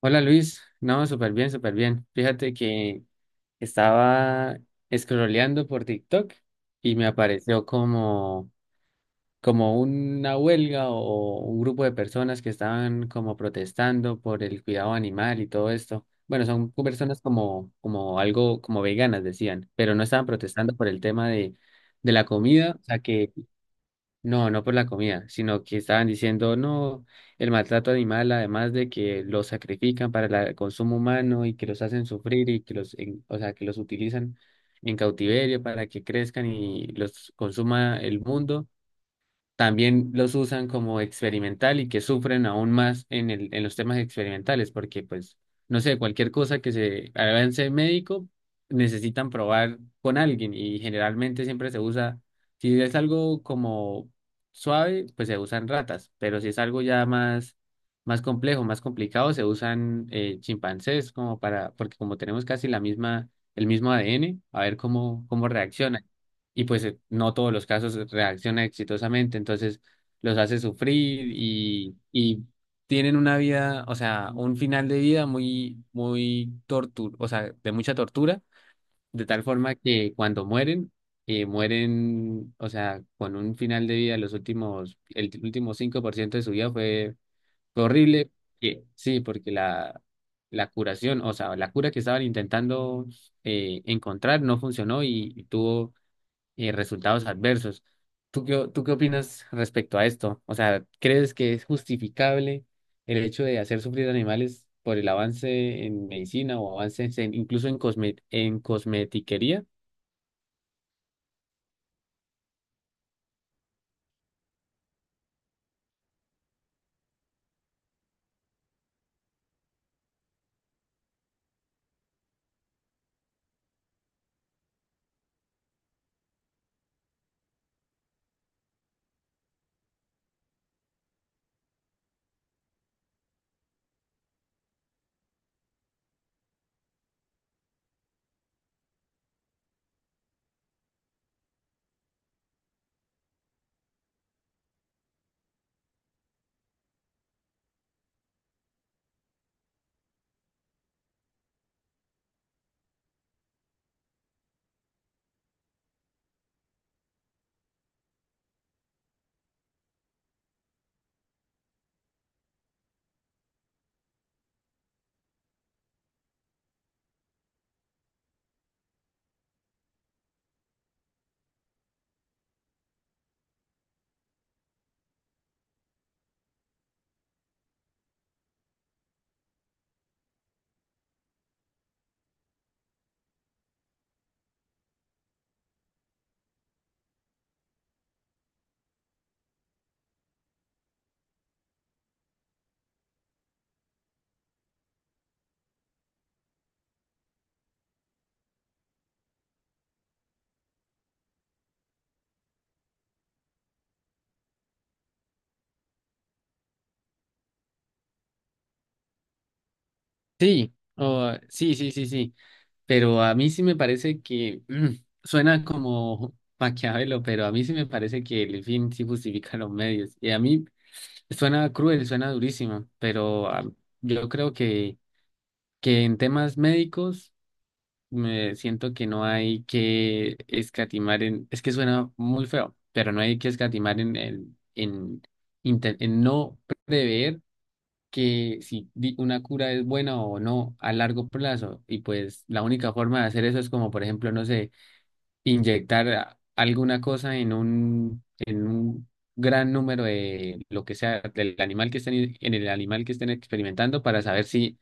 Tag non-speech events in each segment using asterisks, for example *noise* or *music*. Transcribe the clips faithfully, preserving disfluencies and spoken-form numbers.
Hola Luis, no, súper bien, súper bien. Fíjate que estaba scrolleando por TikTok y me apareció como, como una huelga o un grupo de personas que estaban como protestando por el cuidado animal y todo esto. Bueno, son personas como, como algo, como veganas decían, pero no estaban protestando por el tema de, de la comida, o sea que no, no por la comida, sino que estaban diciendo, no, el maltrato animal, además de que los sacrifican para la- el consumo humano y que los hacen sufrir y que los, en- o sea, que los utilizan en cautiverio para que crezcan y los consuma el mundo. También los usan como experimental y que sufren aún más en el, en los temas experimentales, porque pues, no sé, cualquier cosa que se avance médico, necesitan probar con alguien y generalmente siempre se usa, si es algo como suave, pues se usan ratas, pero si es algo ya más, más complejo, más complicado, se usan eh, chimpancés como para, porque como tenemos casi la misma, el mismo A D N, a ver cómo, cómo reacciona. Y pues eh, no todos los casos reaccionan exitosamente, entonces los hace sufrir y, y tienen una vida, o sea, un final de vida muy, muy tortura, o sea, de mucha tortura, de tal forma que cuando mueren, eh, mueren, o sea, con un final de vida, los últimos, el último cinco por ciento de su vida fue, fue horrible, que- sí, porque la... la curación, o sea, la cura que estaban intentando eh, encontrar no funcionó y y tuvo y resultados adversos. ¿Tú qué, o- tú qué opinas respecto a esto? O sea, ¿crees que es justificable el hecho de hacer sufrir animales por el avance en medicina o avances en, incluso en, cosme- en cosmetiquería? Sí, o- sí, sí, sí, sí. Pero a mí sí me parece que *clears throat* mm, suena como Maquiavelo, pero a mí sí me parece que el fin sí justifica los medios. Y a mí suena cruel, suena durísimo, pero ah, yo creo que, que en temas médicos. Me siento que no hay que escatimar en, es que suena muy feo, pero no hay que escatimar en, en, en, inte- en no prever que si di- una cura es buena o no a largo plazo. Y pues la única forma de hacer eso es como, por ejemplo, no sé, inyectar a- alguna cosa en un, en un gran número de lo que sea, del animal que estén, en el animal que estén experimentando para saber si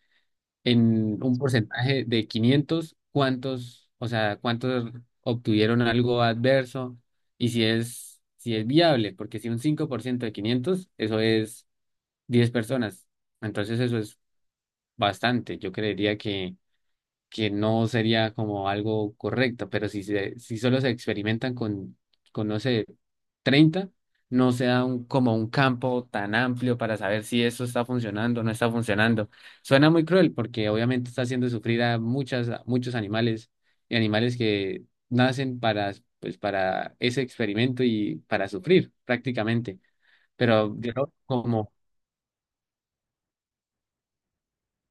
en un porcentaje de quinientos cuántos, o sea, cuántos obtuvieron algo adverso y si es, si es viable, porque si un cinco por ciento de quinientos eso es diez personas. Entonces eso es bastante. Yo creería que que no sería como algo correcto, pero si, se- si solo se experimentan con, con, no sé, treinta, no se da un, como un campo tan amplio para saber si eso está funcionando o no está funcionando. Suena muy cruel porque obviamente está haciendo sufrir a muchas, a muchos animales y animales que nacen para, pues, para ese experimento y para sufrir prácticamente. Pero yo como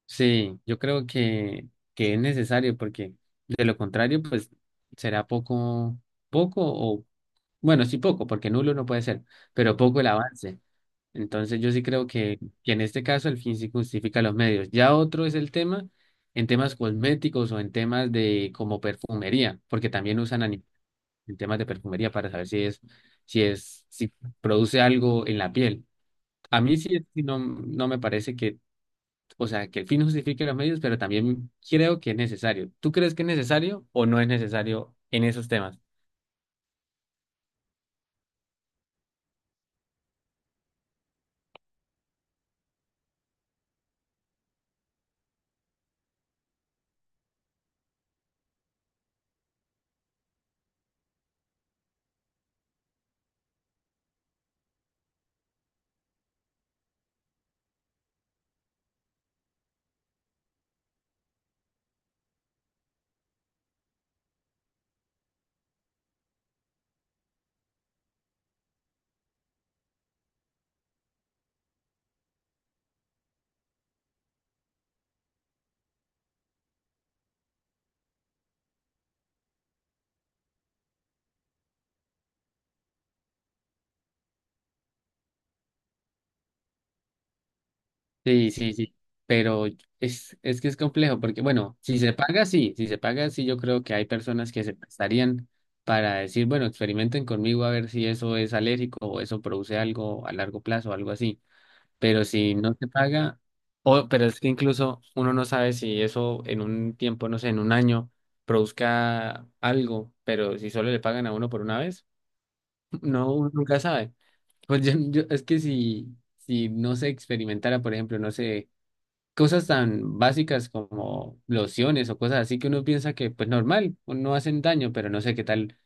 sí, yo creo que, que es necesario porque de lo contrario, pues será poco, poco o, bueno, sí poco, porque nulo no puede ser, pero poco el avance. Entonces yo sí creo que, que en este caso el fin sí justifica los medios. Ya otro es el tema en temas cosméticos o en temas de como perfumería, porque también usan ani- en temas de perfumería para saber si es, si es, si produce algo en la piel. A mí sí, sí no, no me parece, o sea, que el fin justifique los medios, pero también creo que es necesario. ¿Tú crees que es necesario o no es necesario en esos temas? Sí, sí, sí. Pero es, es que es complejo, porque bueno, si se paga, sí, si se paga, sí, yo creo que hay personas que se prestarían para decir, bueno, experimenten conmigo a ver si eso es alérgico o eso produce algo a largo plazo o algo así. Pero si no se paga, o, pero es que incluso uno no sabe si eso en un tiempo, no sé, en un año, produzca algo, pero si solo le pagan a uno por una vez, no, uno nunca sabe. Pues yo, yo- es que si, si no se experimentara, por ejemplo, no sé, cosas tan básicas como lociones o cosas así que uno piensa que, pues normal, no hacen daño, pero no sé qué tal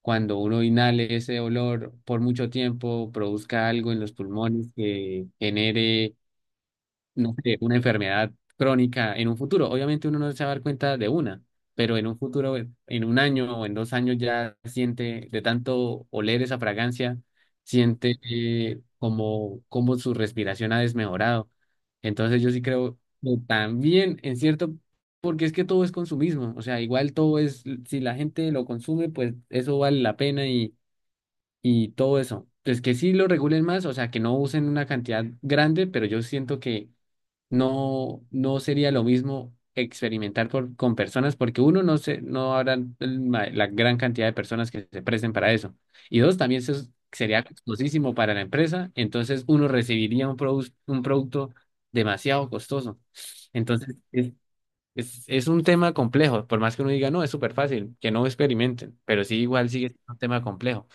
cuando uno inhale ese olor por mucho tiempo, produzca algo en los pulmones que genere no sé, una enfermedad crónica en un futuro. Obviamente uno no se va a dar cuenta de una, pero en un futuro, en un año o en dos años ya siente de tanto oler esa fragancia, siente eh, como, como su respiración ha desmejorado. Entonces yo sí creo que también en cierto, porque es que todo es consumismo, o sea, igual todo es, si la gente lo consume, pues eso vale la pena y, y todo eso. Entonces que sí lo regulen más, o sea, que no usen una cantidad grande, pero yo siento que no, no sería lo mismo experimentar por- con personas porque uno no se, no habrá el ma- la gran cantidad de personas que se presten para eso. Y dos, también eso es- sería costosísimo para la empresa, entonces uno recibiría un, produs- un producto demasiado costoso. Entonces, es, es, es un tema complejo, por más que uno diga, no, es súper fácil, que no experimenten, pero sí igual sigue siendo un tema complejo.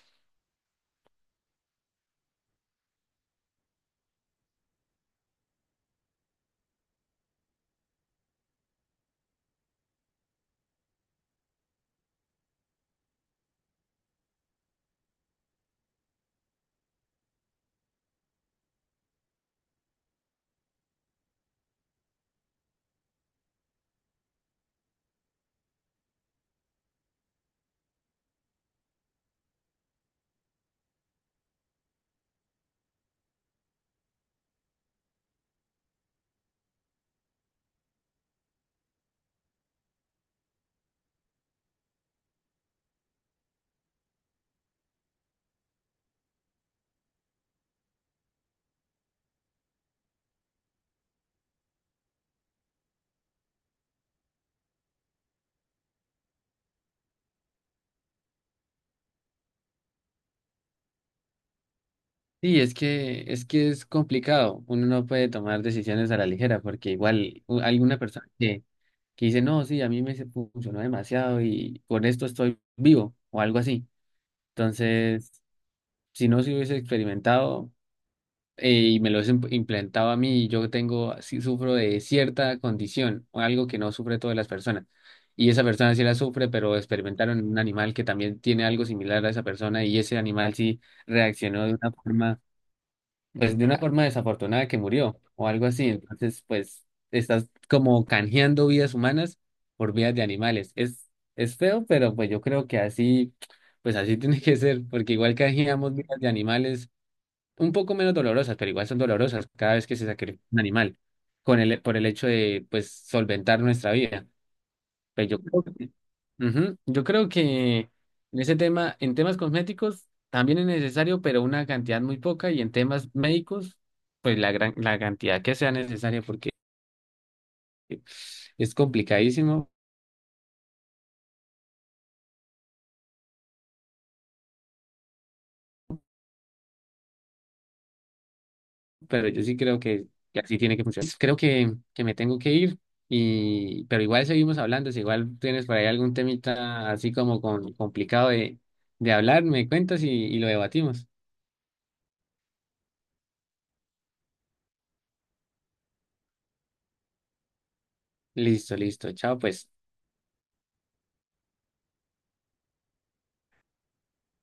Sí, es que es que es complicado. Uno no puede tomar decisiones a la ligera porque igual u- alguna persona que que dice, no, sí, a mí me se- funcionó demasiado y con esto estoy vivo o algo así. Entonces, si no se hubiese experimentado eh, y me lo hubiesen implementado a mí, yo tengo, sí sufro de cierta condición o algo que no sufre todas las personas. Y esa persona sí la sufre, pero experimentaron en un animal que también tiene algo similar a esa persona y ese animal sí reaccionó de una forma pues de una forma desafortunada que murió o algo así. Entonces, pues estás como canjeando vidas humanas por vidas de animales. Es, es feo, pero pues yo creo que así, pues así *laughs* tiene que ser, porque igual canjeamos vidas de animales un poco menos dolorosas, pero igual son dolorosas cada vez que se sacrifica un animal con el, por el hecho de, pues, solventar nuestra vida. Pero yo creo. Ujú. Yo creo que en ese tema, en temas cosméticos también es necesario, pero una cantidad muy poca, y en temas médicos, pues la gran, la cantidad que sea necesaria, porque es complicadísimo, pero yo sí creo que, que así tiene que funcionar. Creo que, que me tengo que ir, y, pero igual seguimos hablando, si igual tienes por ahí algún temita así como con, complicado de, de hablar, me cuentas y, y lo debatimos. Listo, listo, chao pues.